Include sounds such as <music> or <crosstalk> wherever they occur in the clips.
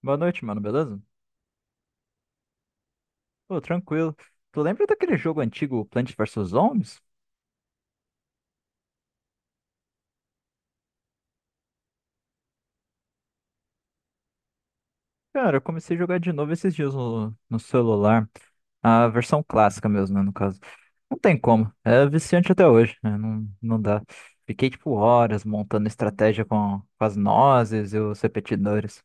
Boa noite, mano, beleza? Pô, tranquilo. Tu lembra daquele jogo antigo, Plants vs Zombies? Cara, eu comecei a jogar de novo esses dias no celular. A versão clássica mesmo, né, no caso. Não tem como. É viciante até hoje, né? Não, não dá. Fiquei, tipo, horas montando estratégia com as nozes e os repetidores.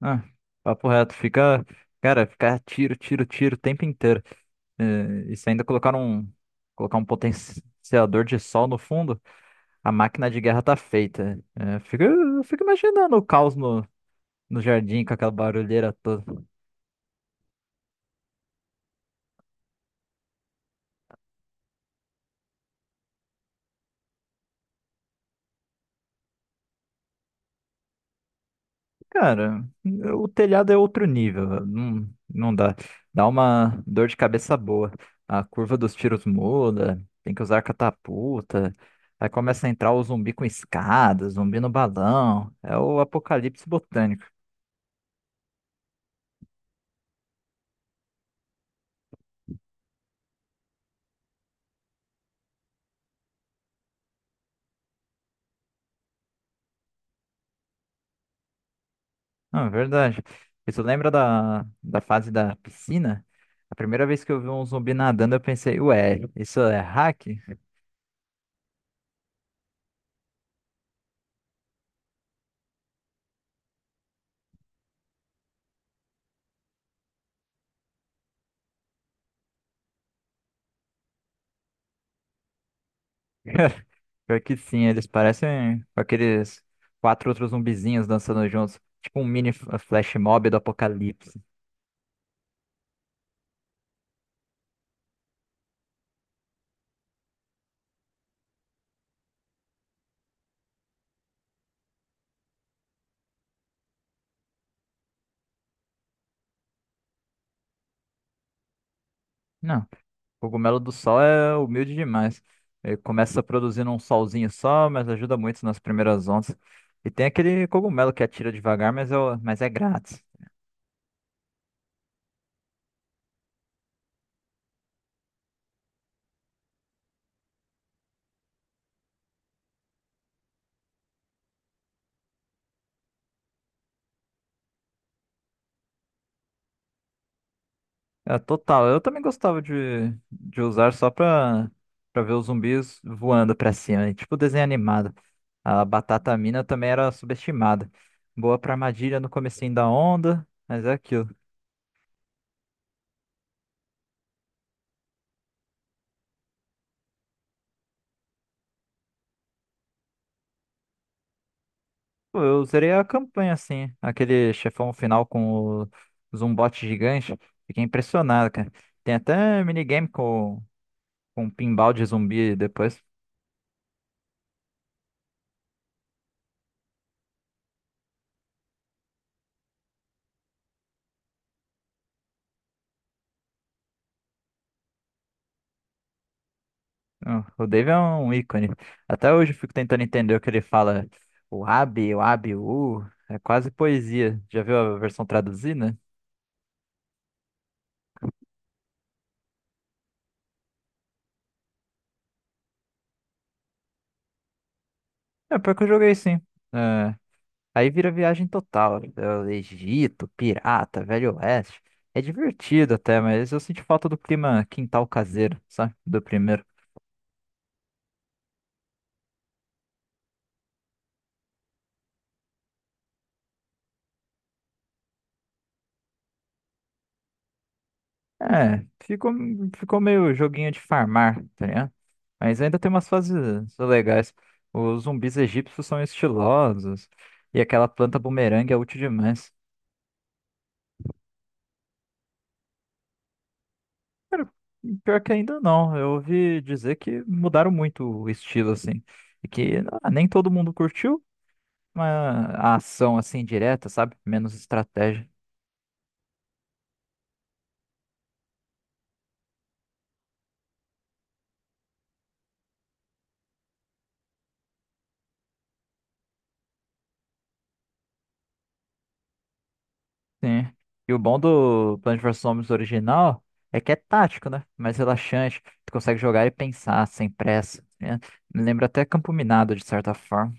Ah, papo reto. Cara, fica tiro, tiro, tiro o tempo inteiro. É, e se ainda colocar um potenciador de sol no fundo. A máquina de guerra tá feita. É, eu fico imaginando o caos no jardim com aquela barulheira toda. Cara, o telhado é outro nível. Não, não dá. Dá uma dor de cabeça boa. A curva dos tiros muda, tem que usar catapulta. Aí começa a entrar o zumbi com escada, zumbi no balão. É o apocalipse botânico. Não, é verdade. Isso lembra da fase da piscina? A primeira vez que eu vi um zumbi nadando, eu pensei, ué, isso é hack? <laughs> Pior que sim, eles parecem aqueles quatro outros zumbizinhos dançando juntos. Tipo um mini flash mob do apocalipse. Não, o cogumelo do sol é humilde demais. Ele começa produzindo um solzinho só, mas ajuda muito nas primeiras ondas. E tem aquele cogumelo que atira devagar, mas é grátis. É, total. Eu também gostava de usar só pra ver os zumbis voando pra cima, né? Tipo desenho animado. A batata mina também era subestimada. Boa pra armadilha no comecinho da onda, mas é aquilo. Pô, eu zerei a campanha assim, aquele chefão final com o zumbote gigante. Fiquei impressionado, cara. Tem até minigame com pinball de zumbi depois. Não, o Dave é um ícone. Até hoje eu fico tentando entender o que ele fala. O Abi, o Abi, o. U. É quase poesia. Já viu a versão traduzida? É, pior que eu joguei sim. É, aí vira viagem total. É, Egito, pirata, Velho Oeste. É divertido até, mas eu senti falta do clima quintal caseiro, sabe? Do primeiro. É, ficou meio joguinho de farmar, tá ligado? Mas ainda tem umas fases legais. Os zumbis egípcios são estilosos e aquela planta bumerangue é útil demais. E pior que ainda não, eu ouvi dizer que mudaram muito o estilo, assim. E que nem todo mundo curtiu, mas a ação, assim, direta, sabe? Menos estratégia. Sim. E o bom do Plants vs Zombies original é que é tático, né? Mais relaxante. Tu consegue jogar e pensar sem pressa, né? Me lembra até Campo Minado, de certa forma.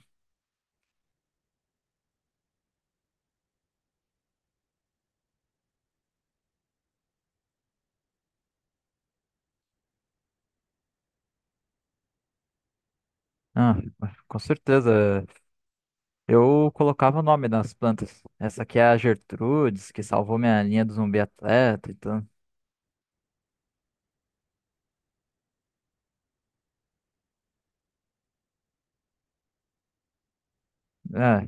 Ah, com certeza. Eu colocava o nome nas plantas. Essa aqui é a Gertrudes, que salvou minha linha do zumbi atleta. Então, é,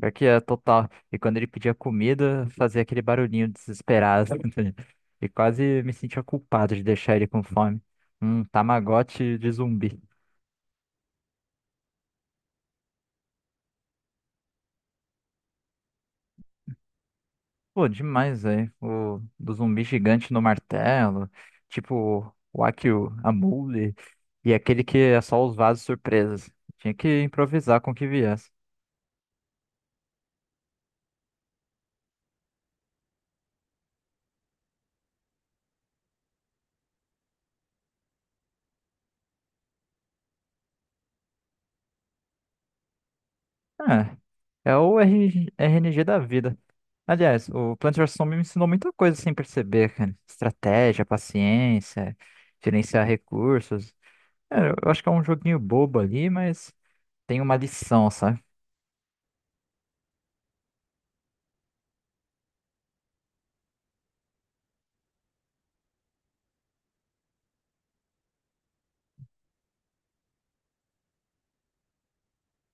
pior que é total. E quando ele pedia comida, fazia aquele barulhinho desesperado. <laughs> E quase me sentia culpado de deixar ele com fome. Um Tamagotchi de zumbi. Pô, demais, velho. O do zumbi gigante no martelo, tipo o Akio, a Mule, e aquele que é só os vasos surpresas. Tinha que improvisar com o que viesse. Ah, é o RG RNG da vida. Aliás, o Plant vs. Zombie me ensinou muita coisa sem perceber, cara. Estratégia, paciência, gerenciar recursos. É, eu acho que é um joguinho bobo ali, mas tem uma lição, sabe?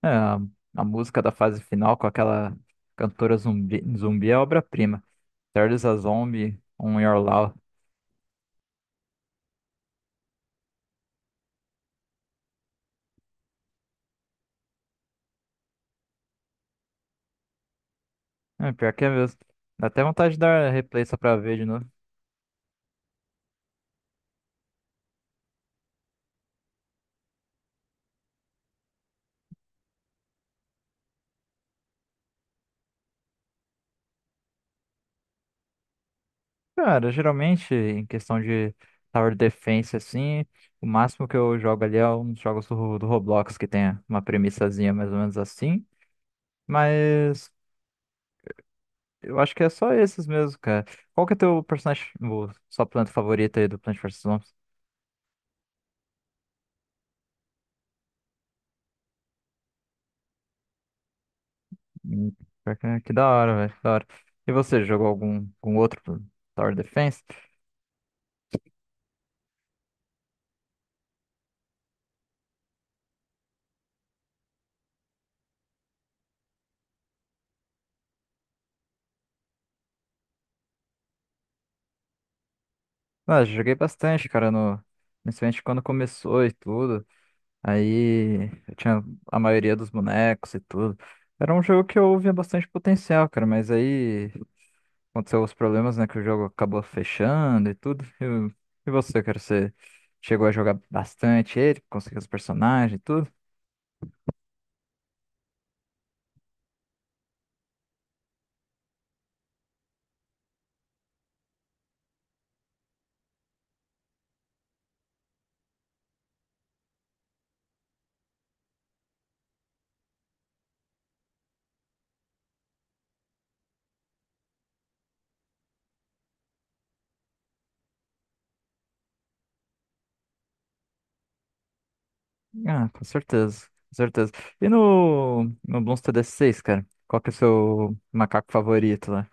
É, a música da fase final com aquela cantora zumbi é obra-prima. Charles a Zombie, On Your Law. É, pior que é mesmo. Dá até vontade de dar replay só pra ver de novo. Cara, geralmente, em questão de Tower Defense, assim, o máximo que eu jogo ali é uns jogos do Roblox, que tem uma premissazinha mais ou menos assim. Mas eu acho que é só esses mesmo, cara. Qual que é teu personagem, sua planta favorita aí do Plant vs. Zombies? Hum, pior que é, que da hora, velho, que da hora. E você, jogou algum outro Tower Defense? Ah, eu joguei bastante, cara, no, principalmente quando começou e tudo. Aí eu tinha a maioria dos bonecos e tudo. Era um jogo que eu via bastante potencial, cara, mas aí aconteceu os problemas, né, que o jogo acabou fechando e tudo. E, cara, você chegou a jogar bastante ele, conseguiu os personagens e tudo? Ah, com certeza, com certeza. E no, Bloons TD seis, cara? Qual que é o seu macaco favorito lá?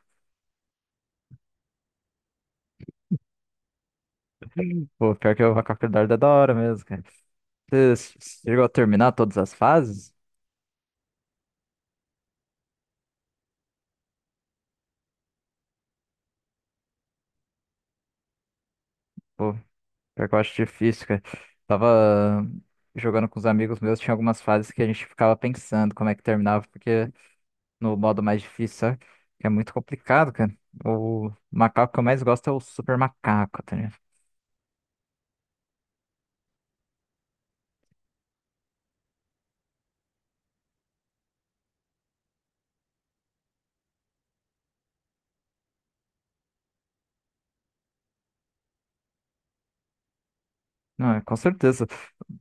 Pô, pior que o macaco dardo é da hora mesmo, cara. Você chegou a terminar todas as fases? Pô, pior que eu acho difícil, cara. Tava jogando com os amigos meus, tinha algumas fases que a gente ficava pensando como é que terminava, porque no modo mais difícil, sabe? Que é muito complicado, cara. O macaco que eu mais gosto é o super macaco, tá ligado? Não, é, com certeza.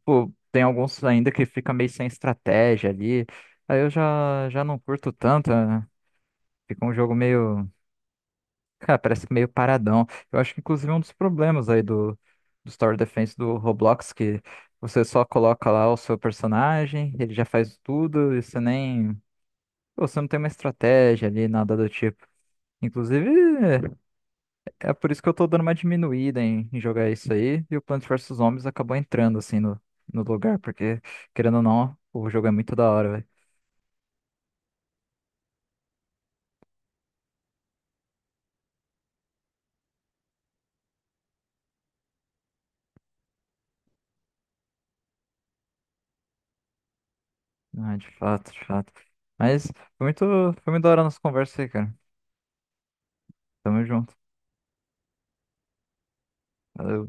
Pô, tem alguns ainda que fica meio sem estratégia ali. Aí eu já não curto tanto, né? Fica um jogo meio. Cara, parece que meio paradão. Eu acho que, inclusive, é um dos problemas aí do Tower Defense do Roblox, que você só coloca lá o seu personagem, ele já faz tudo, e você nem. Pô, você não tem uma estratégia ali, nada do tipo. Inclusive, é por isso que eu tô dando uma diminuída em jogar isso aí, e o Plants vs Zombies acabou entrando assim no, lugar, porque, querendo ou não, o jogo é muito da hora, velho. Ah, de fato, de fato. Mas foi muito, foi muito da hora a nossa conversa aí, cara. Tamo junto. Valeu.